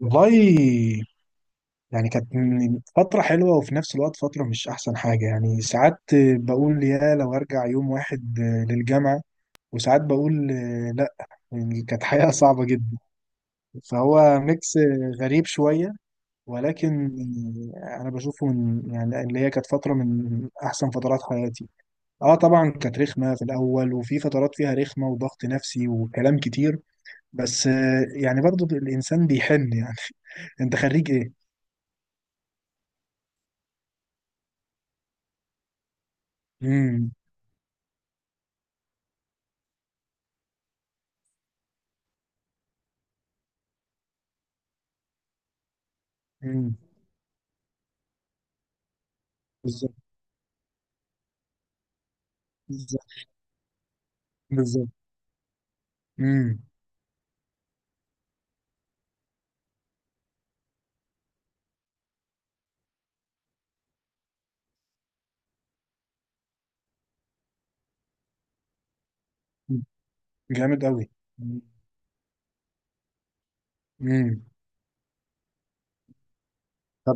والله، فترة حلوة وفي نفس الوقت فترة مش أحسن حاجة، ساعات بقول يا لو أرجع يوم واحد للجامعة، وساعات بقول لأ. كانت حياة صعبة جدا. فهو ميكس غريب شوية، ولكن أنا بشوفه من يعني اللي هي كانت فترة من أحسن فترات حياتي. اه طبعا كانت رخمة في الأول، وفي فترات فيها رخمة وضغط نفسي وكلام كتير، بس برضو الإنسان بيحن يعني. أنت خريج إيه؟ مم. مم. بالظبط، بالظبط، بالظبط. مم. مم. جامد أوي. مم. مم. طب.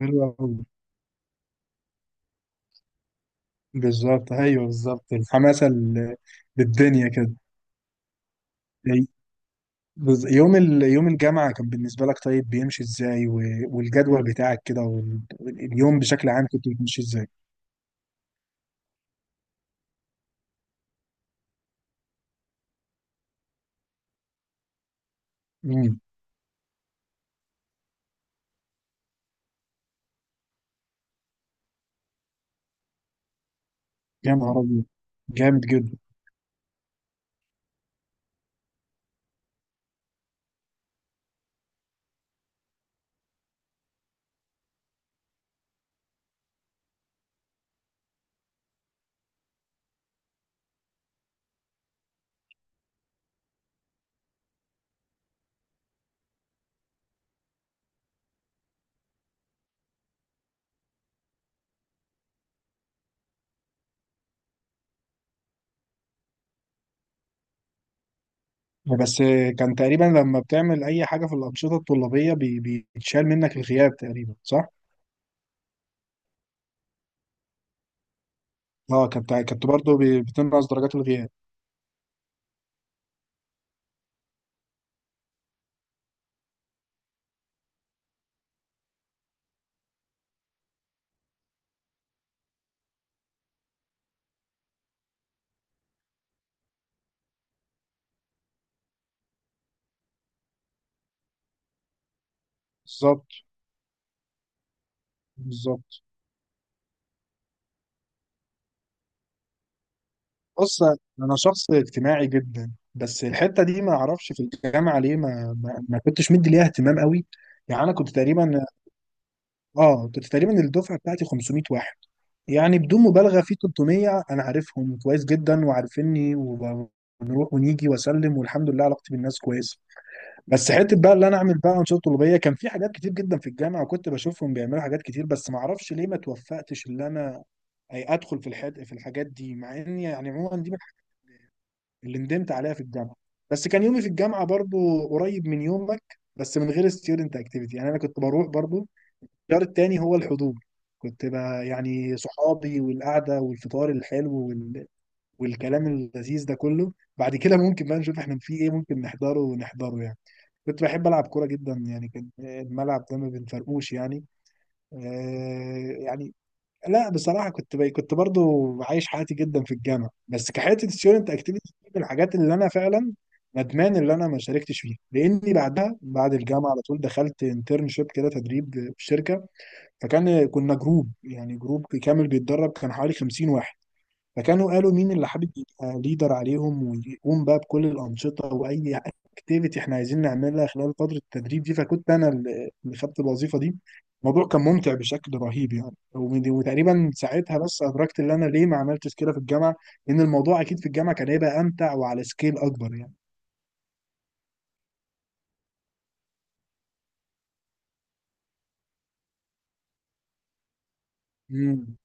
حلو أوي. بالظبط، أيوه بالظبط. للدنيا كده. أي- يوم يوم الجامعة كان بالنسبة لك طيب، بيمشي إزاي و والجدول بتاعك كده وال... واليوم بشكل عام كنت بتمشي إزاي؟ مم. يا نهار أبيض. جامد جدا. بس كان تقريبا لما بتعمل أي حاجة في الأنشطة الطلابية بيتشال منك الغياب تقريبا، صح؟ اه، كنت برضه بتنقص درجات الغياب. بالظبط، بالظبط. بص، انا شخص اجتماعي جدا، بس الحته دي ما اعرفش. في الجامعه ليه ما كنتش مدي ليها اهتمام قوي. يعني انا كنت تقريبا اه كنت تقريبا الدفعه بتاعتي 500 واحد. يعني بدون مبالغه في 300 انا عارفهم كويس جدا وعارفيني، وبنروح ونيجي واسلم، والحمد لله علاقتي بالناس كويسه. بس حته بقى اللي انا اعمل بقى انشطه طلابيه، كان في حاجات كتير جدا في الجامعه وكنت بشوفهم بيعملوا حاجات كتير، بس ما اعرفش ليه ما توفقتش اللي انا أي ادخل في الحد في الحاجات دي، مع اني يعني عموما دي من الحاجات اللي ندمت عليها في الجامعه. بس كان يومي في الجامعه برضو قريب من يومك، بس من غير ستيودنت اكتيفيتي. يعني انا كنت بروح برضو، الخيار التاني هو الحضور. كنت بقى يعني صحابي والقعده والفطار الحلو والكلام اللذيذ ده كله، بعد كده ممكن بقى نشوف احنا في ايه ممكن نحضره، ونحضره يعني. كنت بحب ألعب كورة جدا، يعني كان الملعب ده ما بنفرقوش يعني. آه يعني لا، بصراحة كنت برضو عايش حياتي جدا في الجامعة، بس كحياتي الستودنت اكتيفيتي من الحاجات اللي أنا فعلا ندمان اللي أنا ما شاركتش فيها، لأني بعدها بعد الجامعة على طول دخلت انترنشيب كده، تدريب في شركة. كنا جروب، يعني جروب كامل بيتدرب، كان حوالي 50 واحد. فكانوا قالوا مين اللي حابب يبقى ليدر عليهم ويقوم بقى بكل الأنشطة وأي اكتيفيتي احنا عايزين نعملها خلال فترة التدريب دي. فكنت أنا اللي خدت الوظيفة دي. الموضوع كان ممتع بشكل رهيب يعني، وتقريبا ساعتها بس أدركت إن أنا ليه ما عملتش كده في الجامعة، لأن الموضوع أكيد في الجامعة كان هيبقى أمتع وعلى سكيل أكبر يعني. امم.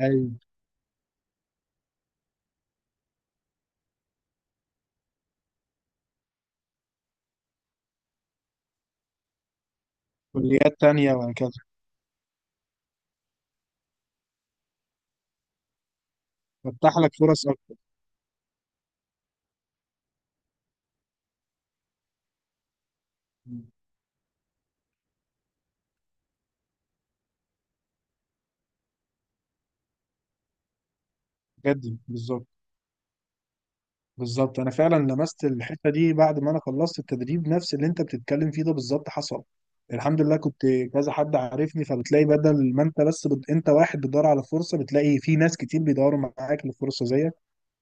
أيوه. كليات تانية وهكذا. تفتح لك فرص أكتر. مم. بجد بالظبط. بالظبط، انا فعلا لمست الحته دي بعد ما انا خلصت التدريب، نفس اللي انت بتتكلم فيه ده بالظبط حصل. الحمد لله كنت كذا حد عارفني، فبتلاقي بدل ما انت واحد بتدور على فرصه، بتلاقي في ناس كتير بيدوروا معاك لفرصه زيك.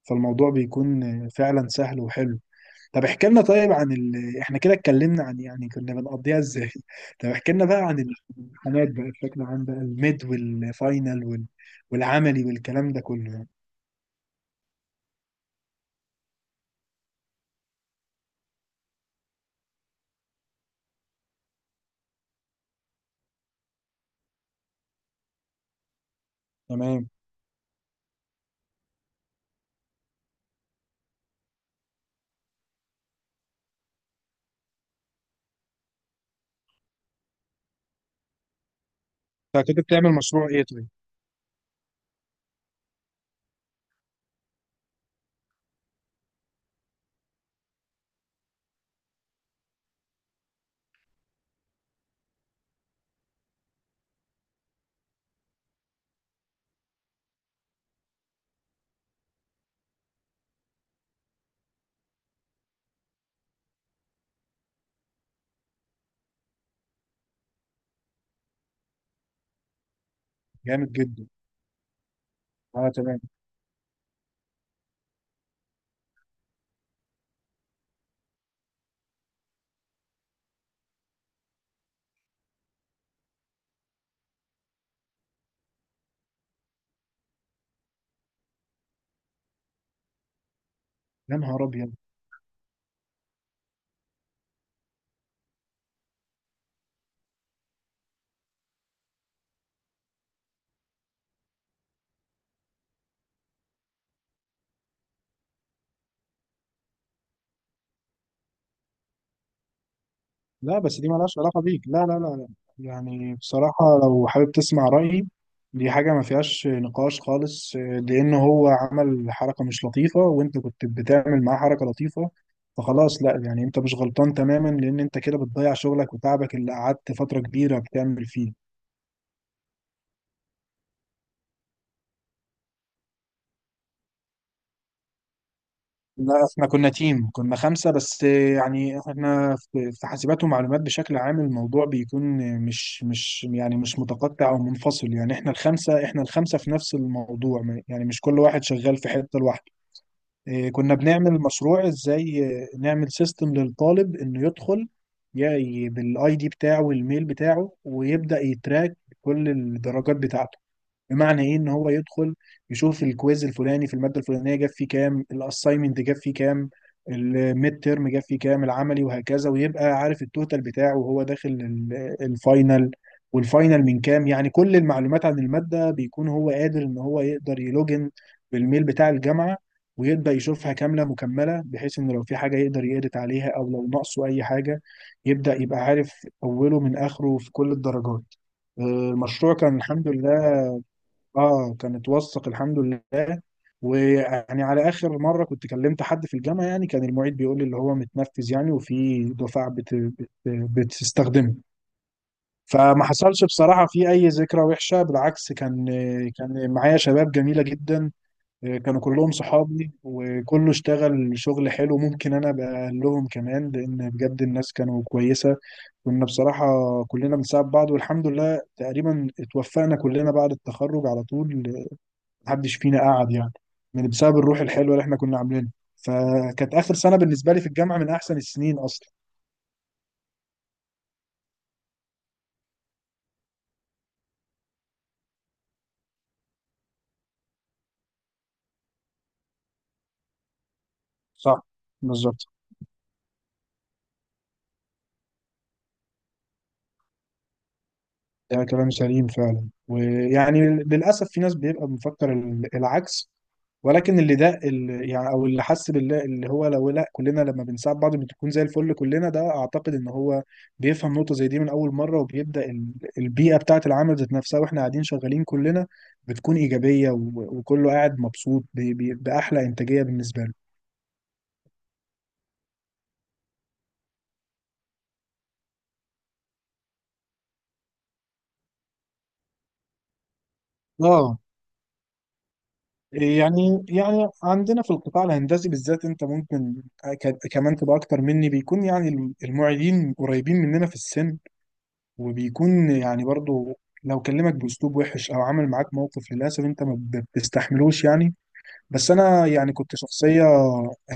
فالموضوع بيكون فعلا سهل وحلو. طب احكي لنا طيب عن احنا كده اتكلمنا عن يعني كنا بنقضيها ازاي. طب احكي لنا بقى عن الامتحانات بقى بشكل عام بقى، الميد والفاينل والعملي والكلام ده كله يعني. تمام. فكنت بتعمل مشروع ايه طيب؟ جامد جدا. اه تمام. يا نهار ابيض. لا، بس دي مالهاش علاقه بيك، لا. يعني بصراحه لو حابب تسمع رايي، دي حاجه ما فيهاش نقاش خالص، آه، لان هو عمل حركه مش لطيفه، وانت كنت بتعمل معاه حركه لطيفه. فخلاص لا، يعني انت مش غلطان تماما، لان انت كده بتضيع شغلك وتعبك اللي قعدت فتره كبيره بتعمل فيه. لا احنا كنا تيم، كنا خمسة. بس يعني احنا في حاسبات ومعلومات بشكل عام الموضوع بيكون مش متقطع او منفصل. يعني احنا الخمسة في نفس الموضوع، يعني مش كل واحد شغال في حتة لوحده. إيه، كنا بنعمل مشروع ازاي، آه، نعمل سيستم للطالب انه يدخل يعني بالاي دي بتاعه والميل بتاعه، ويبدأ يتراك كل الدرجات بتاعته. بمعنى ايه، ان هو يدخل يشوف الكويز الفلاني في الماده الفلانيه جاب فيه كام، الاساينمنت جاب فيه كام، الميد تيرم جاب فيه كام، العملي وهكذا، ويبقى عارف التوتال بتاعه وهو داخل الفاينل، والفاينل من كام. يعني كل المعلومات عن الماده بيكون هو قادر ان هو يقدر يلوجن بالميل بتاع الجامعه، ويبدأ يشوفها كاملة مكملة، بحيث إن لو في حاجة يقدر يedit عليها، أو لو ناقصه أي حاجة يبدأ يبقى عارف أوله من آخره في كل الدرجات. آه، المشروع كان الحمد لله، اه كانت وثق الحمد لله. ويعني على اخر مره كنت كلمت حد في الجامعه، يعني كان المعيد بيقول لي اللي هو متنفذ، يعني وفي دفعه بتستخدمه. فما حصلش بصراحه في اي ذكرى وحشه، بالعكس كان، كان معايا شباب جميله جدا، كانوا كلهم صحابي، وكله اشتغل شغل حلو، ممكن انا ابقى لهم كمان، لان بجد الناس كانوا كويسه. كنا بصراحه كلنا بنساعد بعض، والحمد لله تقريبا اتوفقنا كلنا بعد التخرج على طول، محدش فينا قعد يعني، بسبب الروح الحلوه اللي احنا كنا عاملينها. فكانت اخر سنه بالنسبه لي في الجامعه من احسن السنين اصلا. صح، بالظبط. ده كلام سليم فعلا، ويعني للأسف في ناس بيبقى مفكر العكس، ولكن اللي ده اللي يعني او اللي حس بالله اللي هو لو لا كلنا لما بنساعد بعض بتكون زي الفل كلنا، ده اعتقد ان هو بيفهم نقطة زي دي من اول مرة، وبيبدأ البيئة بتاعة العمل ذات نفسها واحنا قاعدين شغالين كلنا بتكون إيجابية، وكله قاعد مبسوط بأحلى إنتاجية بالنسبة له. اه، يعني عندنا في القطاع الهندسي بالذات انت ممكن كمان تبقى اكتر مني، بيكون يعني المعيدين قريبين مننا في السن، وبيكون يعني برضو لو كلمك باسلوب وحش او عمل معاك موقف، للاسف انت ما بتستحملوش يعني. بس انا يعني كنت شخصية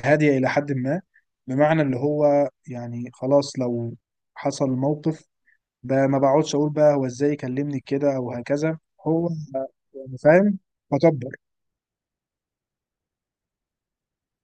هادية الى حد ما، بمعنى اللي هو يعني خلاص لو حصل موقف، ما بقعدش اقول بقى هو ازاي كلمني كده او هكذا. هو يعني فاهم، فكبر.